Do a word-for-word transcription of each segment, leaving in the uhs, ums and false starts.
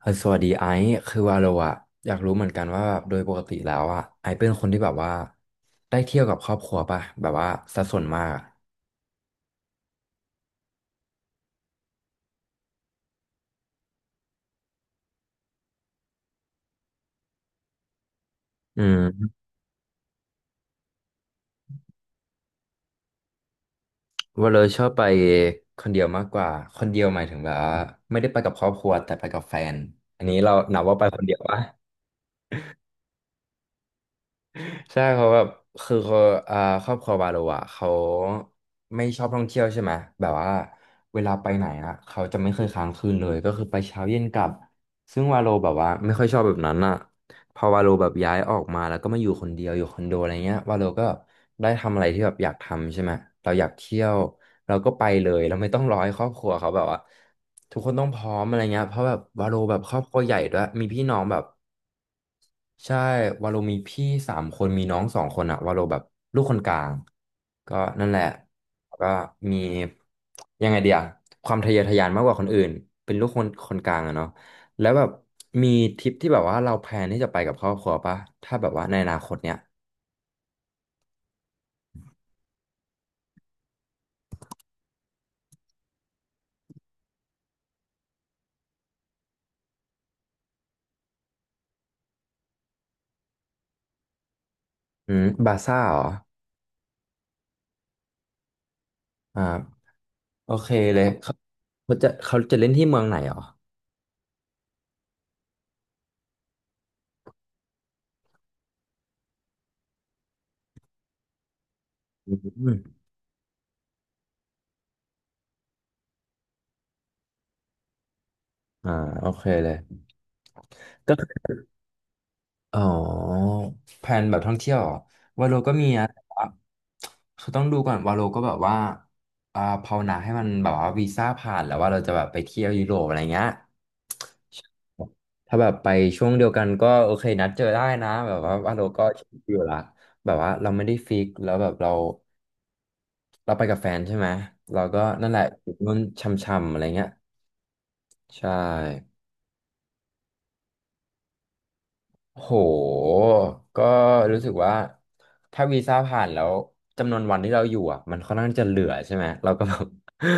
เออสวัสดีไอซ์คือว่าเราอะอยากรู้เหมือนกันว่าแบบโดยปกติแล้วอะไอซ์เป็นคนที่แบบว่าได้เที่ยวกับครอบครัวป่ะแบบว่าสัดส่วนมากอะอืมว่าเราชอบไปคนเดียวมากกว่าคนเดียวหมายถึงแบบว่าไม่ได้ไปกับครอบครัวแต่ไปกับแฟนอันนี้เรานับว่าไปคนเดียวป่ะ ใช่เขาแบบคือเขาอ่าครอบครัวบาโลอ่ะเขาไม่ชอบท่องเที่ยวใช่ไหมแบบว่าเวลาไปไหนอ่ะเขาจะไม่เคยค้างคืนเลยก็คือไปเช้าเย็นกลับซึ่งวาโลแบบว่าไม่ค่อยชอบแบบนั้นอ่ะพอวาโลแบบย้ายออกมาแล้วก็มาอยู่คนเดียวอยู่คอนโดอะไรเงี้ยวาโลก็ได้ทำอะไรที่แบบอยากทำใช่ไหมเราอยากเที่ยวเราก็ไปเลยเราไม่ต้องรอให้ครอบครัวเขาแบบว่าทุกคนต้องพร้อมอะไรเงี้ยเพราะแบบวาโลแบบครอบครัวใหญ่ด้วยมีพี่น้องแบบ ใช่วาโลมีพี่สามคนมีน้องสองคนอะวาโลแบบลูกคนกลางก็นั่นแหละแล้วก็มียังไงเดียความทะเยอทะยานมากกว่าคนอื่นเป็นลูกคนคนกลางอะเนาะแล้วแบบมีทริปที่แบบว่าเราแพลนที่จะไปกับครอบครัวปะถ้าแบบว่าในอนาคตเนี้ยอืมบาซ่าเหรออ่าโอเคเลยเขาเขาจะเขาจะเล่นที่เมืองไหนเหรออืมอ่าโอเคเลย อ๋อแผนแบบท่องเที่ยวเหรอวาโลก็มีนะแต่ว่าคือต้องดูก่อนวาโลก็แบบว่าอ่าภาวนาให้มันแบบว่าวีซ่าผ่านแล้วว่าเราจะแบบไปเที่ยวยุโรปอะไรเงี้ยถ้าแบบไปช่วงเดียวกันก็โอเคนัดเจอได้นะแบบว่าวาโลก็ชิลอยู่ละแบบว่าเราไม่ได้ฟิกแล้วแบบเราเราไปกับแฟนใช่ไหมเราก็นั่นแหละอยู่นู่นช่ำๆอะไรเงี้ยใช่ โห ก็รู้สึกว่าถ้าวีซ่าผ่านแล้วจำนวนวันที่เราอยู่อ่ะมันค่อนข้างจะเหลือใช่ไหมเราก็แบบ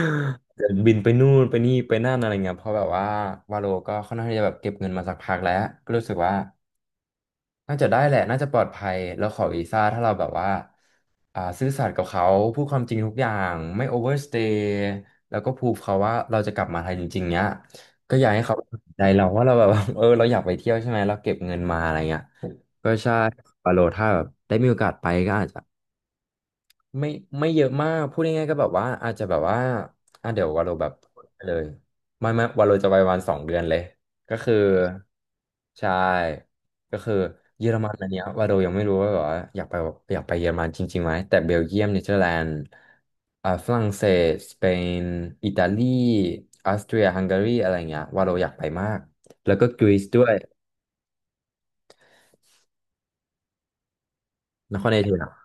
จะบินไปนู่นไปนี่ไปนั่นอะไรเงี้ยเพราะแบบว่าวาโลก็ค่อนข้างที่จะแบบเก็บเงินมาสักพักแล้วก็รู้สึกว่า น่าจะได้แหละ น่าจะปลอดภัยแล้วขอวีซ่าถ้าเราแบบว่าอ่าซื่อสัตย์กับเขาพูดความจริงทุกอย่างไม่โอเวอร์สเตย์แล้วก็พูดเขาว่าเราจะกลับมาไทยจริงๆเนี้ยก็อยากให้เขาสนใจเราว่าเราแบบว่า เออเราอยากไปเที่ยวใช่ไหมเราเก็บเงินมาอะไรเงี้ยก็ใช่ปาโลถ้าแบบได้มีโอกาสไปก็อาจจะ ไม่ไม่เยอะมากพูดง่ายๆก็แบบว่าอาจจะแบบว่าอ่ะเดี๋ยววาโลแบบไปเลยไม่ไม่วาโลจะไปวันสองเดือนเลยก็คือใช่ก็คือเยอรมันอันเนี้ยวาโลยังไม่รู้ว่าแบบว่าอยากไปอยากไปเยอรมันจริงๆไหมแต่เบลเยียมเนเธอร์แลนด์อ่าฝรั่งเศสสเปนอิตาลีออสเตรียฮังการีอะไรเงี้ยวาโดอยากไปมากแล้วก็กรีซด้วยนครเอเธนส์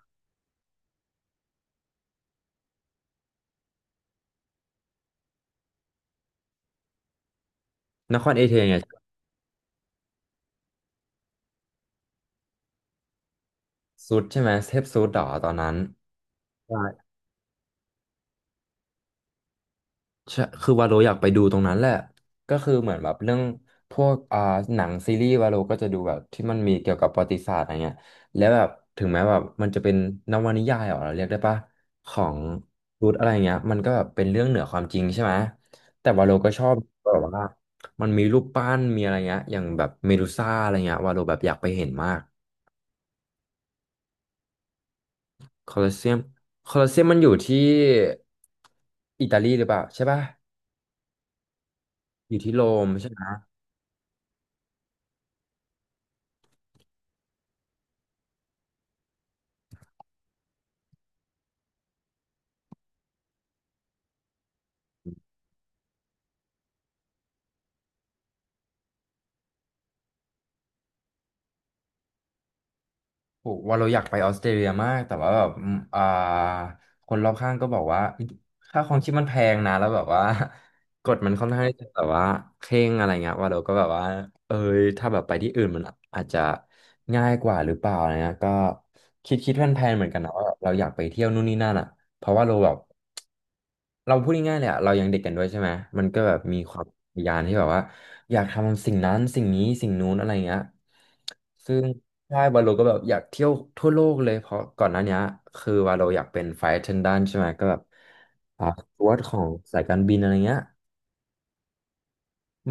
นครเอเธนส์เนี่ยสุดใช่ไหมเทพสุดหรอตอนนั้น ใช่คือวาโลอยากไปดูตรงนั้นแหละก็คือเหมือนแบบเรื่องพวกอ่าหนังซีรีส์วาโลก็จะดูแบบที่มันมีเกี่ยวกับประวัติศาสตร์อะไรเงี้ยแล้วแบบถึงแม้แบบมันจะเป็นนวนิยายเหรอเราเรียกได้ปะของรูทอะไรเงี้ยมันก็แบบเป็นเรื่องเหนือความจริงใช่ไหมแต่วาโลก็ชอบแบบว่ามันมีรูปปั้นมีอะไรเงี้ยอย่างแบบเมดูซ่าอะไรเงี้ยวาโลแบบอยากไปเห็นมากโคลอสเซียมโคลอสเซียมมันอยู่ที่อิตาลีหรือเปล่าใช่ปะอยู่ที่โรม โหว่าเราอยากไปออสเตรเลียมากแต่ว่าแบบอืมอ่าคนรอบข้างก็บอกว่าค่าครองชีพมันแพงนะแล้วแบบว่า กฎมันค่อนข้างที่จะแบบว่าเคร่งอะไรเงี้ยว่าเราก็แบบว่าเอยถ้าแบบไปที่อื่นมันอาจจะง่ายกว่าหรือเปล่าอะไรเงี้ยก็คิดคิดแพลนๆเหมือนกันนะว่าเราอยากไปเที่ยวนู่นนี่นั่นอ่ะ เพราะว่าเราแบบเราพูดง่ายๆเลยอะเรายังเด็กกันด้วยใช่ไหมมันก็แบบมีความทะยานที่แบบว่าอยากทำสิ่งนั้นสิ่งนี้สิ่งนู้นอะไรเงี้ยซึ่งใช่วาโลก็แบบอยากเที่ยวทั่วโลกเลยเพราะก่อนหน้านี้คือวาโลอยากเป็นไฟท์เทนดันใช่ไหมก็แบบอ่าสจ๊วตของสายการบินอะไรเงี้ย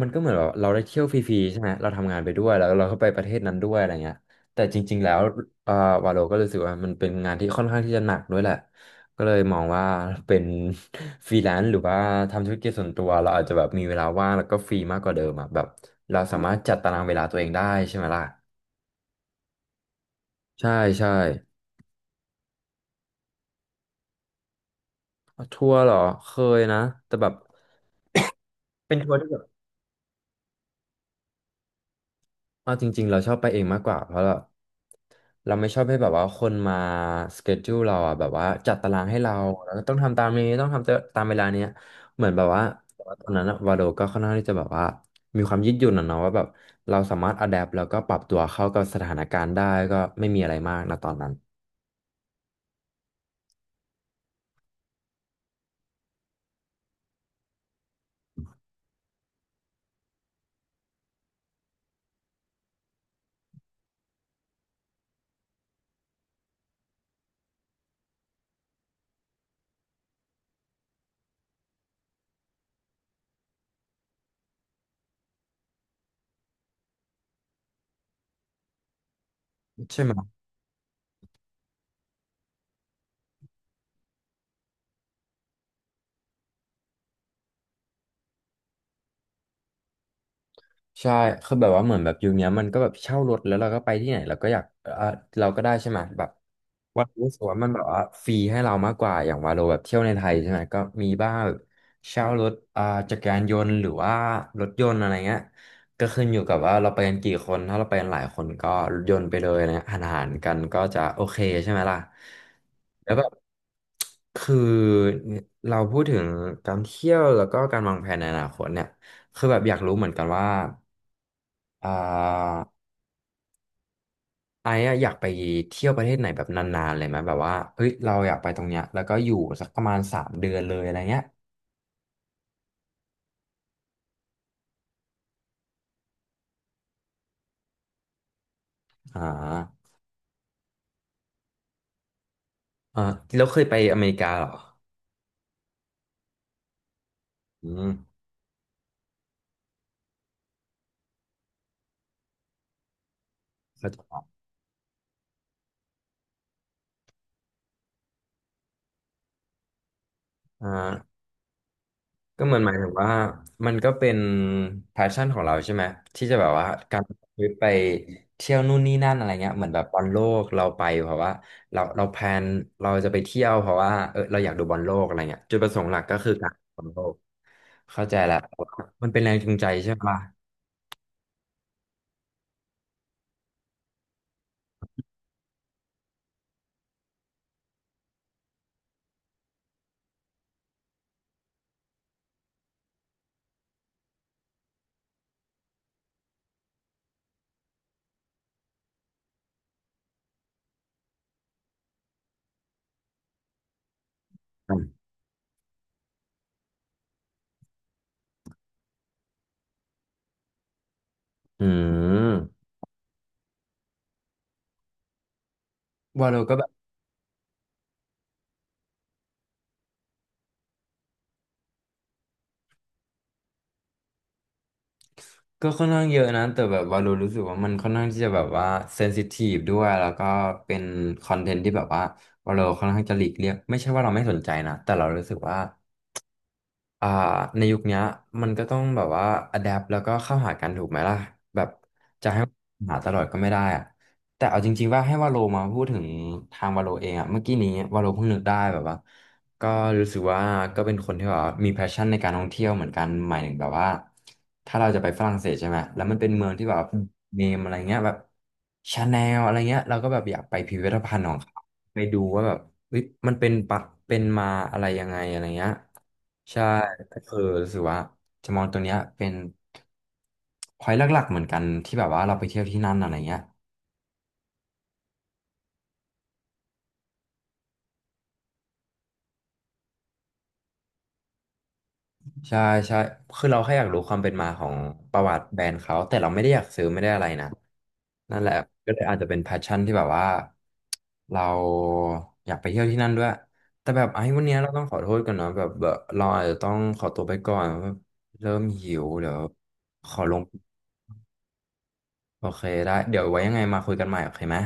มันก็เหมือนแบบเราได้เที่ยวฟรีๆใช่ไหมเราทำงานไปด้วยแล้วเราก็ไปประเทศนั้นด้วยอะไรเงี้ยแต่จริงๆแล้วเอ่อวาโลก็รู้สึกว่ามันเป็นงานที่ค่อนข้างที่จะหนักด้วยแหละก็เลยมองว่าเป็น ฟรีแลนซ์หรือว่าทำธุรกิจส่วนตัวเราอาจจะแบบมีเวลาว่างแล้วก็ฟรีมากกว่าเดิมอ่ะแบบเราสามารถจัดตารางเวลาตัวเองได้ใช่ไหมล่ะใช่ใช่ทัวร์เหรอเคยนะแต่แบบเป็นทัวร์ที่ เอาจริงๆเราชอบไปเองมากกว่าเพราะเราเราไม่ชอบให้แบบว่าคนมาสเกจ u ูเราอ่ะแบบว่าจัดตารางให้เราแล้วก็ต้องทำตามนี้ต้องทำตามเวลาเนี้ยเหมือนแบบว่าตว่าตอนนั้นอะวาโดก็ค่อนข้างที่จะแบบว่ามีความยืดหยุ่นอะเนาะว่าแบบเราสามารถอะแดปแล้วก็ปรับตัวเข้ากับสถานการณ์ได้ก็ไม่มีอะไรมากนะตอนนั้นใช่ไหมใช่คือแบบว่าเหมือนแบบยุคเนี้ยมันก็แบบเช่ารถแล้วเราก็ไปที่ไหนเราก็อยากเออเราก็ได้ใช่ไหมแบบ ว่าโลรู้สึกว่ามันแบบว่าฟรีให้เรามากกว่าอย่างวาโลแบบเที่ยวในไทยใช่ไหมก็มีบ้างแบบเช่ารถอ่าจักรยานยนต์หรือว่ารถยนต์อะไรเงี้ยก็ขึ้นอยู่กับว่าเราไปกันกี่คนถ้าเราไปกันหลายคนก็รถยนต์ไปเลยนะหานหารกันก็จะโอเคใช่ไหมล่ะแล้วแบบคือเราพูดถึงการเที่ยวแล้วก็การวางแผนในอนาคตเนี่ยคือแบบอยากรู้เหมือนกันว่าอ่า ไอ้อะอยากไปเที่ยวประเทศไหนแบบนานๆเลยไหมแบบว่าเฮ้ยเราอยากไปตรงเนี้ยแล้วก็อยู่สักประมาณสามเดือนเลยอะไรเงี้ยอ่าอ่าแล้วเคยไปอเมริกาเหรออืมเข้าใจละอ่าก็เหมือนหมายถึงว่ามันก็เป็น p พ s ชั่นของเราใช่ไหมที่จะแบบว่าการไปเที่ยวนู่นนี่นั่นอะไรเงี้ยเหมือนแบบบอลโลกเราไปเพราะว่าเราเราแพลนเราจะไปเที่ยวเพราะว่าเออเราอยากดูบอลโลกอะไรเงี้ยจุดประสงค์หลักก็คือการดูบอลโลกเข้าใจแล้วมันเป็นแรงจูงใจใช่ปะ อืมวาโลก็แบบก็ค่อนข้างเยอะนะ แต่แบบวาโลรู้สึกว่ามันค่อนข้างที่จะแบบว่าเซนซิทีฟด้วย แล้วก็เป็นคอนเทนต์ที่แบบว่าวาโลค่อนข้างจะหลีกเลี่ยงไม่ใช่ว่าเราไม่สนใจนะ แต่เรารู้สึกว่า อ่าในยุคเนี้ยมันก็ต้องแบบว่าอ d แด t แล้วก็เข้าหากันถูกไหมล่ะแบบจะให้หาตลอดก็ไม่ได้อะแต่เอาจริงๆว่าให้วาโลมาพูดถึงทางวาโลเองอะเมื่อกี้นี้วาโลเพิ่งนึกได้แบบว่าก็รู้สึกว่าก็เป็นคนที่แบบว่ามีแพชชั่นในการท่องเที่ยวเหมือนกันหมายถึงแบบว่าถ้าเราจะไปฝรั่งเศสใช่ไหมแล้วมันเป็นเมืองที่แบบเนมอะไรเงี้ยแบบชาแนลอะไรเงี้ยเราก็แบบอยากไปพิพิธภัณฑ์ของเขาไปดูว่าแบบเฮ้ยมันเป็นปะเป็นมาอะไรยังไงอะไรเงี้ย ใช่ก็คือรู้สึกว่าจะมองตัวเนี้ยเป็นพอยต์หลักๆเหมือนกันที่แบบว่าเราไปเที่ยวที่นั่นอะไรเงี้ยใช่ใช่คือเราแค่อยากรู้ความเป็นมาของประวัติแบรนด์เขาแต่เราไม่ได้อยากซื้อไม่ได้อะไรนะนั่นแหละก็เลยอาจจะเป็นแพชชั่นที่แบบว่าเราอยากไปเที่ยวที่นั่นด้วยแต่แบบไอ้วันเนี้ยเราต้องขอโทษกันเนาะแบบเอ่อเราอาจจะต้องขอตัวไปก่อนเริ่มหิวเดี๋ยวขอลงโอเคได้เดี๋ยวไว้ยังไงมาคุยกันใหม่โอเคไหม